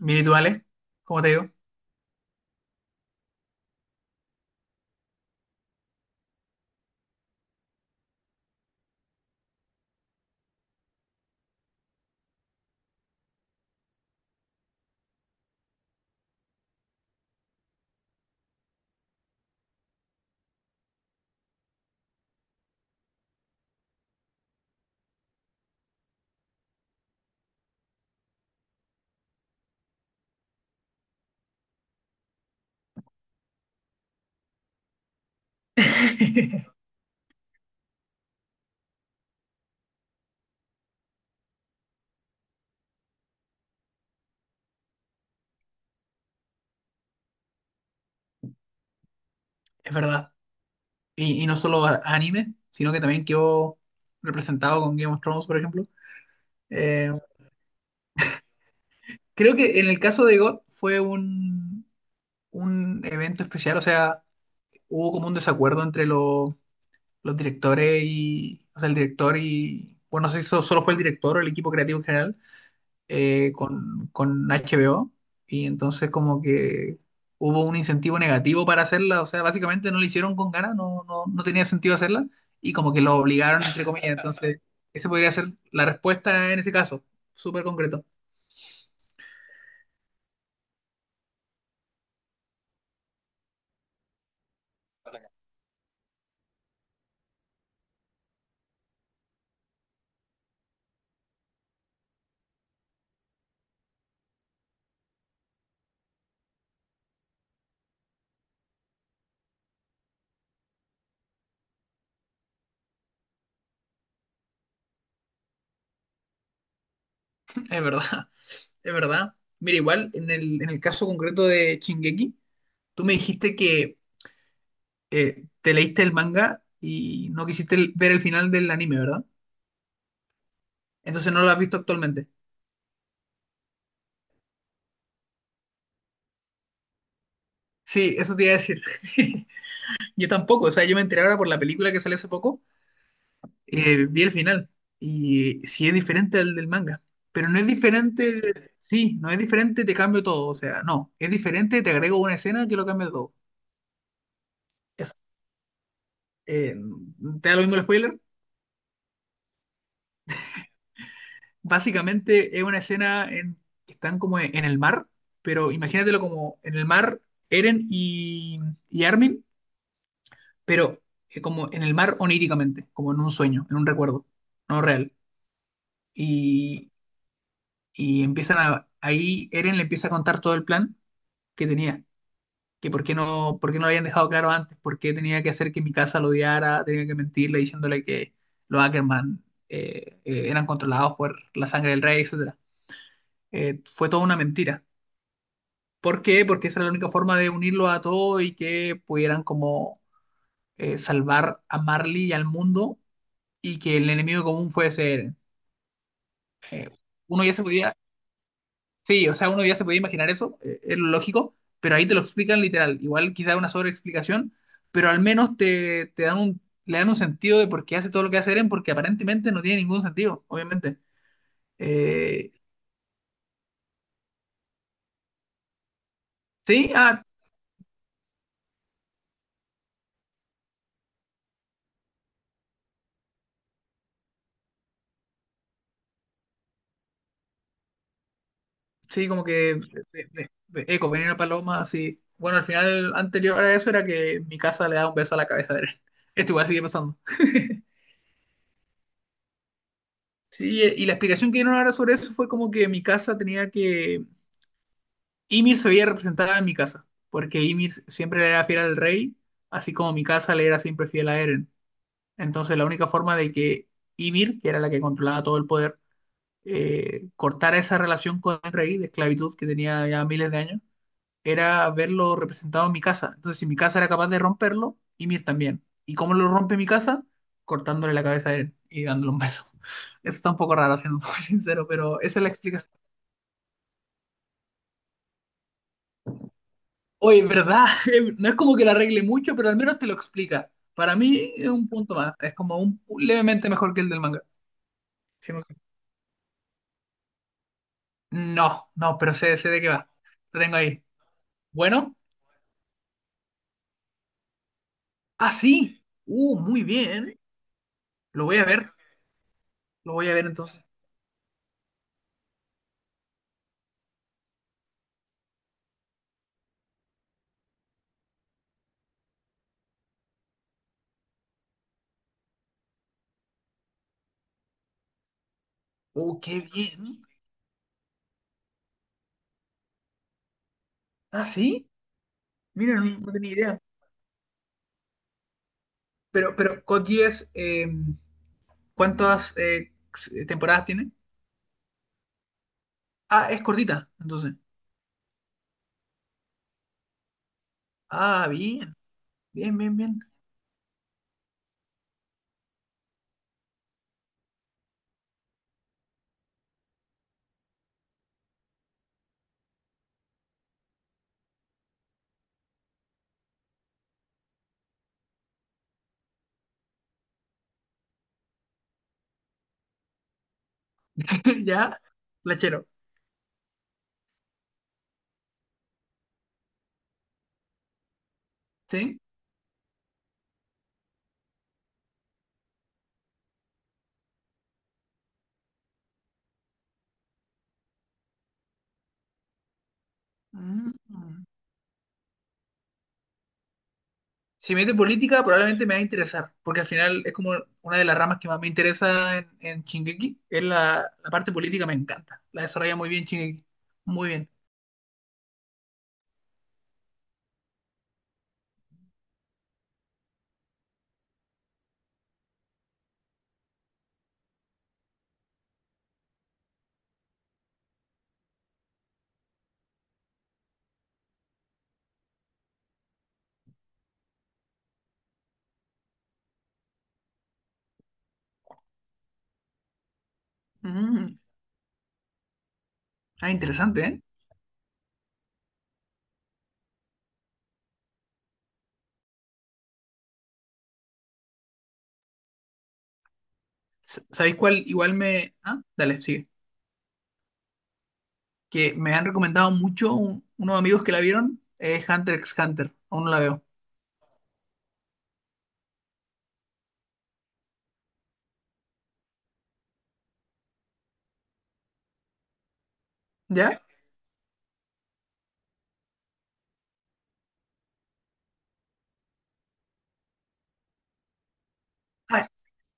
Bien, ¿y tú, Ale? ¿Cómo te digo? Es verdad. Y no solo a- anime, sino que también quedó representado con Game of Thrones, por ejemplo. Eh, Creo que en el caso de God fue un evento especial, o sea, hubo como un desacuerdo entre los directores y, o sea, el director y, bueno, no sé si so- solo fue el director o el equipo creativo en general, con HBO, y entonces como que hubo un incentivo negativo para hacerla, o sea, básicamente no la hicieron con ganas, no, no, no tenía sentido hacerla y como que lo obligaron, entre comillas. Entonces esa podría ser la respuesta en ese caso, súper concreto, es verdad, es verdad. Mira, igual en el caso concreto de Shingeki, tú me dijiste que te leíste el manga y no quisiste ver el final del anime, ¿verdad? Entonces no lo has visto actualmente. Sí, eso te iba a decir. Yo tampoco, o sea, yo me enteré ahora por la película que salió hace poco. Vi el final y sí es diferente al del manga, pero no es diferente, sí, no es diferente, te cambio todo, o sea, no, es diferente, te agrego una escena que lo cambia todo. Eso. Eh, ¿Te da lo mismo el spoiler? Básicamente es una escena en que están como en el mar, pero imagínatelo como en el mar Eren y Armin, pero como en el mar oníricamente, como en un sueño, en un recuerdo, no real. Y Y empiezan a, ahí Eren le empieza a contar todo el plan que tenía, que por qué no lo habían dejado claro antes, por qué tenía que hacer que mi casa lo odiara, tenía que mentirle diciéndole que los Ackerman eran controlados por la sangre del rey, etcétera. Fue toda una mentira. ¿Por qué? Porque esa era la única forma de unirlo a todo y que pudieran como salvar a Marley y al mundo y que el enemigo común fuese Eren. Eh, Uno ya se podía… Sí, o sea, uno ya se podía imaginar eso, es lo lógico, pero ahí te lo explican literal. Igual quizá una sobreexplicación, pero al menos te, te dan un, le dan un sentido de por qué hace todo lo que hace Eren, porque aparentemente no tiene ningún sentido, obviamente. Eh, sí, ah, sí, como que eco, venía una paloma, sí. Bueno, al final anterior a eso era que mi casa le da un beso a la cabeza de Eren. Esto igual sigue pasando. Sí, y la explicación que dieron ahora sobre eso fue como que mi casa tenía que… Ymir se veía representada en mi casa, porque Ymir siempre le era fiel al rey, así como mi casa le era siempre fiel a Eren. Entonces la única forma de que Ymir, que era la que controlaba todo el poder, cortara esa relación con el rey de esclavitud que tenía ya miles de años, era verlo representado en mi casa. Entonces si mi casa era capaz de romperlo, Ymir también. ¿Y cómo lo rompe mi casa? Cortándole la cabeza a Eren y dándole un beso. Eso está un poco raro, siendo muy sincero, pero esa es la explicación. Oye, en ¿verdad? No es como que la arregle mucho, pero al menos te lo explica. Para mí es un punto más. Es como un levemente mejor que el del manga. Sí, no sé. No, no, pero sé, sé de qué va. Lo tengo ahí. Bueno, ah, sí. Muy bien. Lo voy a ver. Lo voy a ver entonces. Qué bien. Ah, sí. Mira, no, no tenía idea. Pero, Code Geass, ¿cuántas temporadas tiene? Ah, es cortita, entonces. Ah, bien. Bien, bien, bien. Ya, la chero. ¿Sí? Mm. Si me mete en política, probablemente me va a interesar, porque al final es como una de las ramas que más me interesa en Shingeki, es la, la parte política, me encanta. La desarrolla muy bien Shingeki. Muy bien. Mm. Ah, interesante, ¿eh? S- ¿Sabéis cuál? Igual me… Ah, dale, sigue. Que me han recomendado mucho unos amigos que la vieron, es Hunter x Hunter. Aún no la veo. ¿Ya? Ah,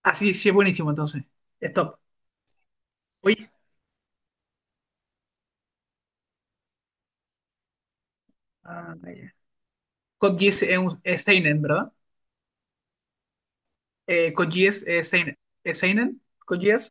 ah, sí, sí, es buenísimo entonces. Stop. Oye, ah, ya. Code Geass es un es seinen, ¿verdad? Con GS, Seinen, Seinen, con GS.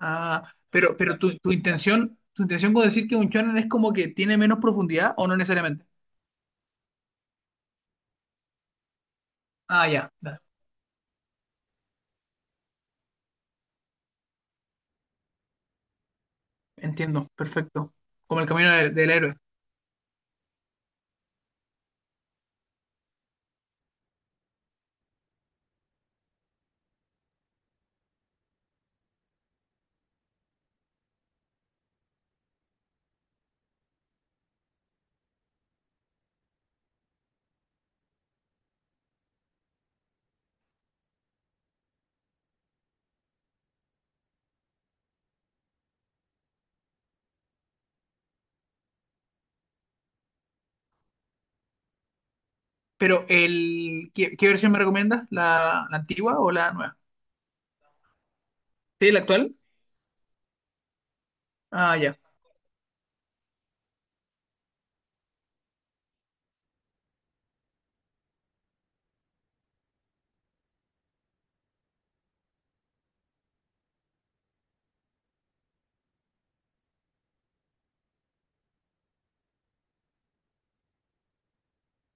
Ah, pero tu, tu intención con decir que un shonen es como que tiene menos profundidad o no necesariamente. Ah, ya, ya, entiendo, perfecto. Como el camino del, del héroe. Pero el, ¿qué, qué versión me recomiendas? ¿La, la antigua o la nueva? Sí, la actual. Ah, ya.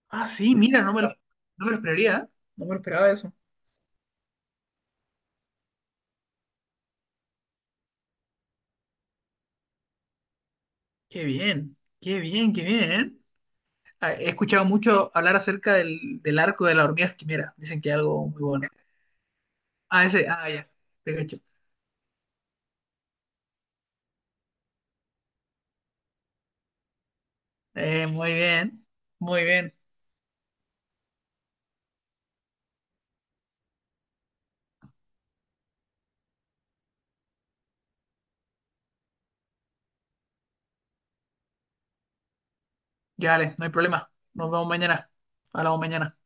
Ah, sí, mira, no me lo, no me lo esperaría, ¿eh? No me lo esperaba eso. Qué bien, qué bien, qué bien. ¿Eh? Ah, he escuchado mucho hablar acerca del, del arco de la hormiga, mira, dicen que es algo muy bueno. Ah, ese, ah, ya, te cacho. Muy bien, muy bien. Ya, vale, no hay problema. Nos vemos mañana. Hablamos mañana.